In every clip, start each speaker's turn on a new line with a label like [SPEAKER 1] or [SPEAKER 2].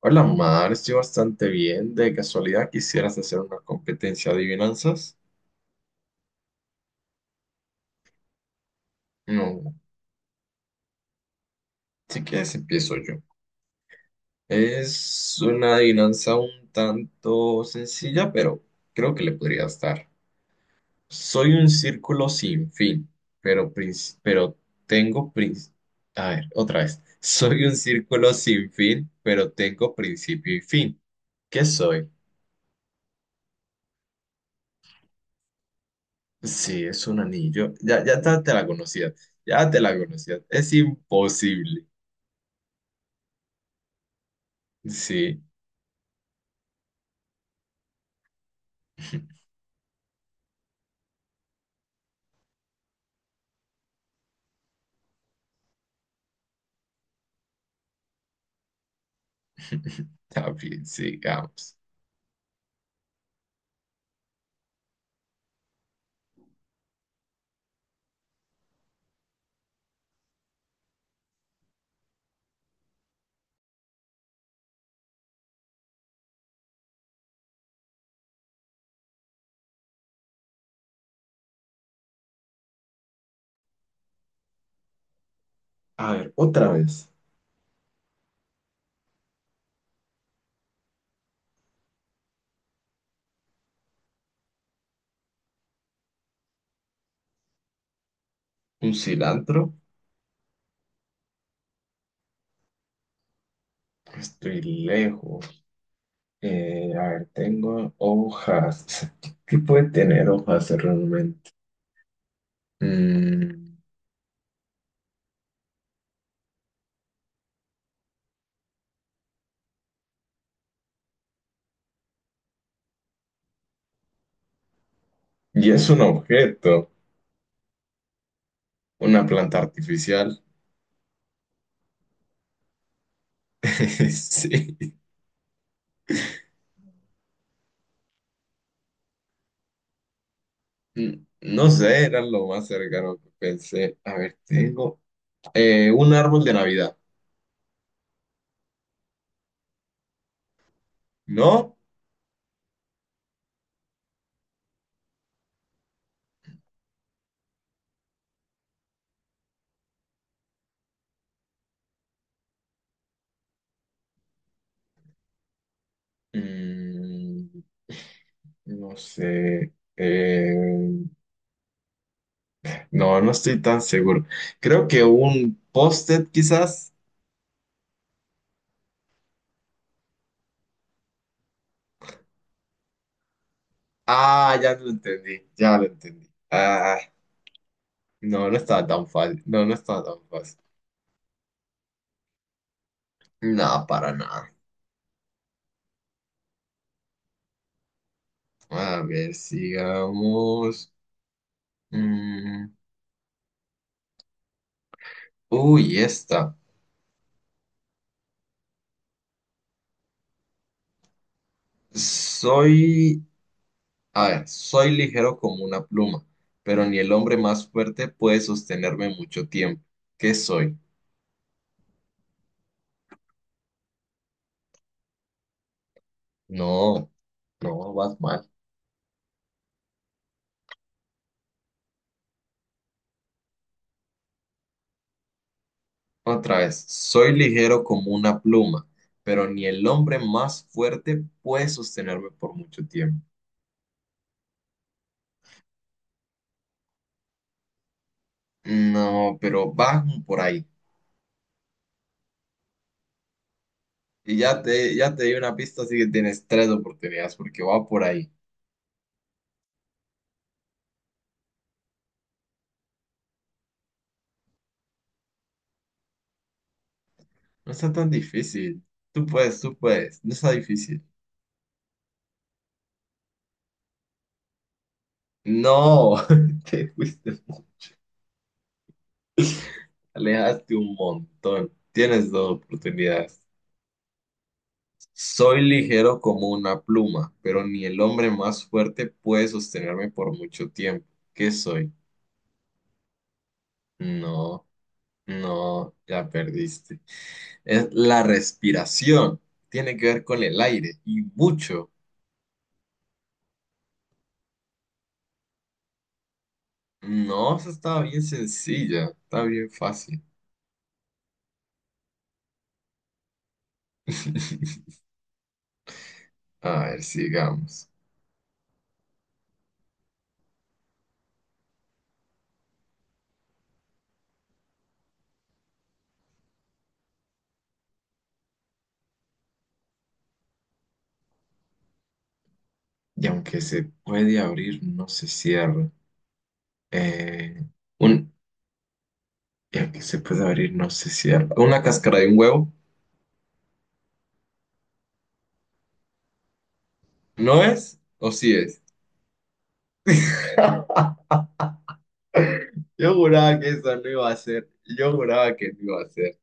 [SPEAKER 1] Hola, Mar, estoy bastante bien. De casualidad, ¿quisieras hacer una competencia de adivinanzas? No, si quieres empiezo yo. Es una adivinanza un tanto sencilla, pero creo que le podría estar. Soy un círculo sin fin, pero tengo... A ver, otra vez. Soy un círculo sin fin, pero tengo principio y fin. ¿Qué soy? Sí, es un anillo. Ya te la conocías. Ya te la conocías. Es imposible. Sí, también sigamos. A ver, otra vez. Un cilantro. Estoy lejos. A ver, tengo hojas. ¿Qué puede tener hojas realmente? Mm, y es un objeto, una planta artificial. Sí. No sé, era lo más cercano que pensé. A ver, tengo un árbol de Navidad. ¿No? Mm, no sé. No, no estoy tan seguro. Creo que un post-it quizás. Ah, ya lo entendí, ya lo entendí. Ah, no, no estaba tan fácil. No, no estaba tan fácil. No, para nada. A ver, sigamos. Mm, Uy, esta. Soy, a ver, soy ligero como una pluma, pero ni el hombre más fuerte puede sostenerme mucho tiempo. ¿Qué soy? No, no, Batman. Otra vez, soy ligero como una pluma, pero ni el hombre más fuerte puede sostenerme por mucho tiempo. No, pero va por ahí. Y ya te di una pista, así que tienes tres oportunidades porque va por ahí. No está tan difícil. Tú puedes, tú puedes. No está difícil. No, te fuiste, alejaste un montón. Tienes dos oportunidades. Soy ligero como una pluma, pero ni el hombre más fuerte puede sostenerme por mucho tiempo. ¿Qué soy? No, no, ya perdiste. Es la respiración. Tiene que ver con el aire y mucho. No, esa estaba bien sencilla, está bien fácil. A ver, sigamos. Y aunque se puede abrir, no se cierra. Eh, un, y aunque se puede abrir, no se cierra. ¿Una cáscara de un huevo? ¿No es? ¿O sí es? Yo juraba que eso no iba a ser. Yo juraba que no iba a ser.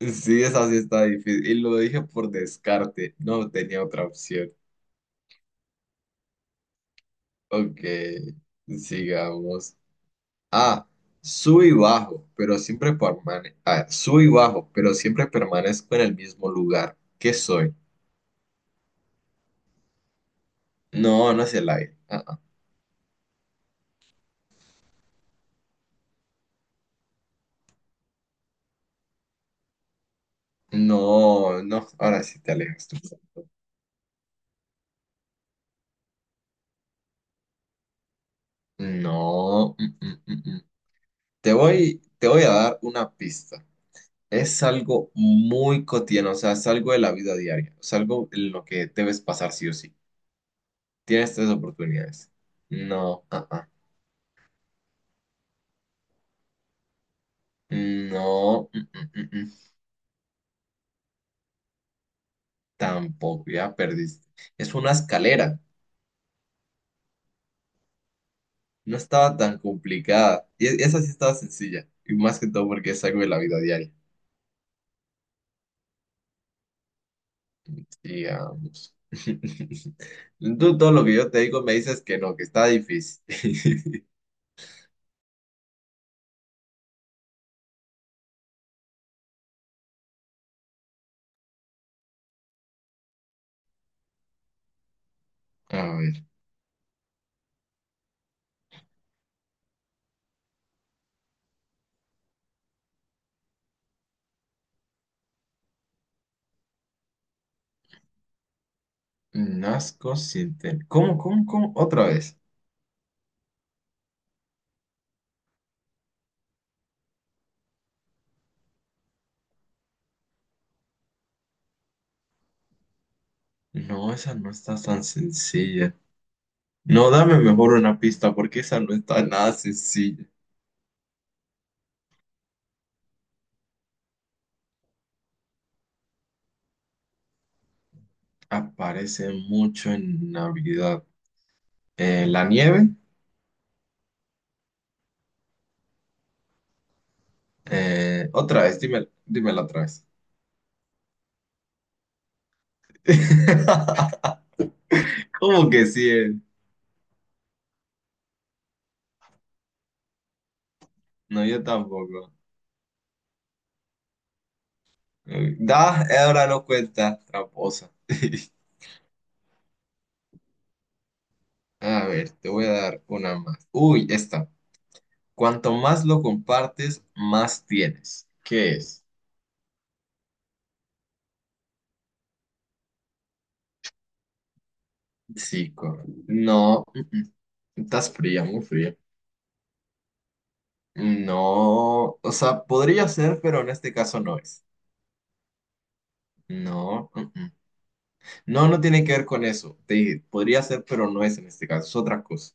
[SPEAKER 1] Sí, esa sí está difícil. Y lo dije por descarte. No tenía otra opción. Ok, sigamos. Ah, sub y bajo, pero siempre permanezco. Ah, sub y bajo, pero siempre permanezco en el mismo lugar. ¿Qué soy? No, no es el aire. Ah, ah. No, no. Ahora sí te alejas tú. No. Mm. Te voy a dar una pista. Es algo muy cotidiano, o sea, es algo de la vida diaria, es algo en lo que debes pasar sí o sí. Tienes tres oportunidades. No, ah, ah, No, Tampoco, ya perdiste. Es una escalera, no estaba tan complicada. Y esa sí estaba sencilla, y más que todo porque es algo de la vida diaria. Digamos. Tú todo lo que yo te digo me dices que no, que está difícil. A ver, nazco sin tener... ¿Cómo? Otra vez. No, esa no está tan sencilla. No, dame mejor una pista porque esa no está nada sencilla. Aparece mucho en Navidad. La nieve. Otra vez, dímela otra vez. ¿Cómo que sí? No, yo tampoco. Ahora no cuenta, tramposa. A ver, te voy a dar una más. Uy, esta. Cuanto más lo compartes, más tienes. ¿Qué es? Sí, correcto. No. Mm. Estás fría, muy fría. No, o sea, podría ser, pero en este caso no es. No, No, no tiene que ver con eso. Te dije, podría ser, pero no es en este caso, es otra cosa.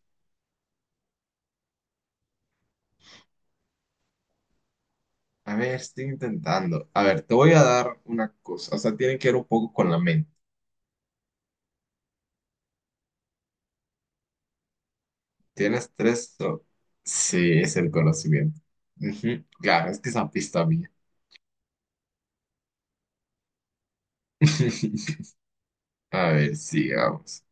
[SPEAKER 1] A ver, estoy intentando. A ver, te voy a dar una cosa. O sea, tiene que ver un poco con la mente. ¿Tienes tres? Sí, es el conocimiento. Ujú. Claro, es que esa pista mía. A ver, sigamos.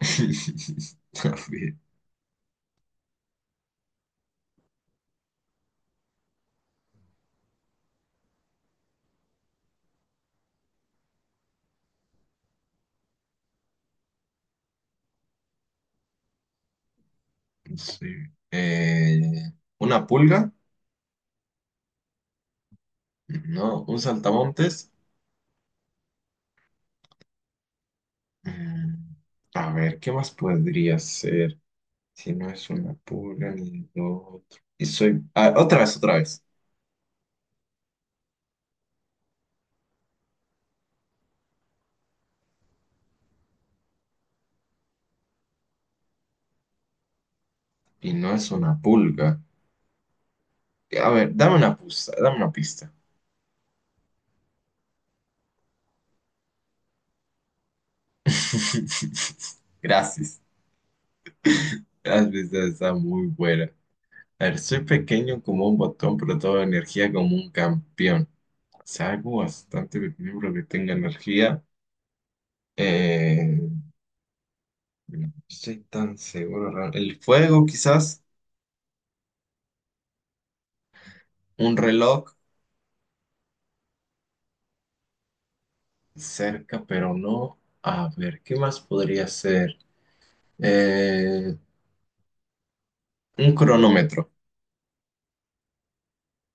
[SPEAKER 1] A ver, sí. Eh, ¿Una pulga? No, un saltamontes. Mm, A ver, ¿qué más podría ser? Si no es una pulga ni lo otro. Y soy. Otra vez, otra vez. Y no es una pulga. A ver, dame una pista, dame una pista. Gracias. Las pistas están muy buena. A ver, soy pequeño como un botón, pero toda energía como un campeón. O sea, algo bastante pequeño, pero que tenga energía. Eh, no estoy tan seguro. El fuego, quizás. Un reloj cerca, pero no. A ver, ¿qué más podría ser? Eh, un cronómetro.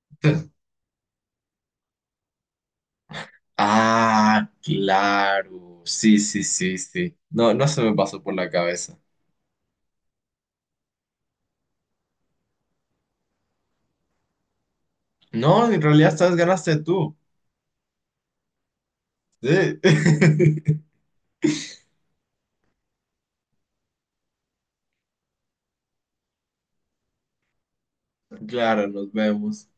[SPEAKER 1] Ah, claro. Sí, sí, sí, sí. No, no se me pasó por la cabeza. No, en realidad esta vez ganaste tú. Sí. Claro, nos vemos.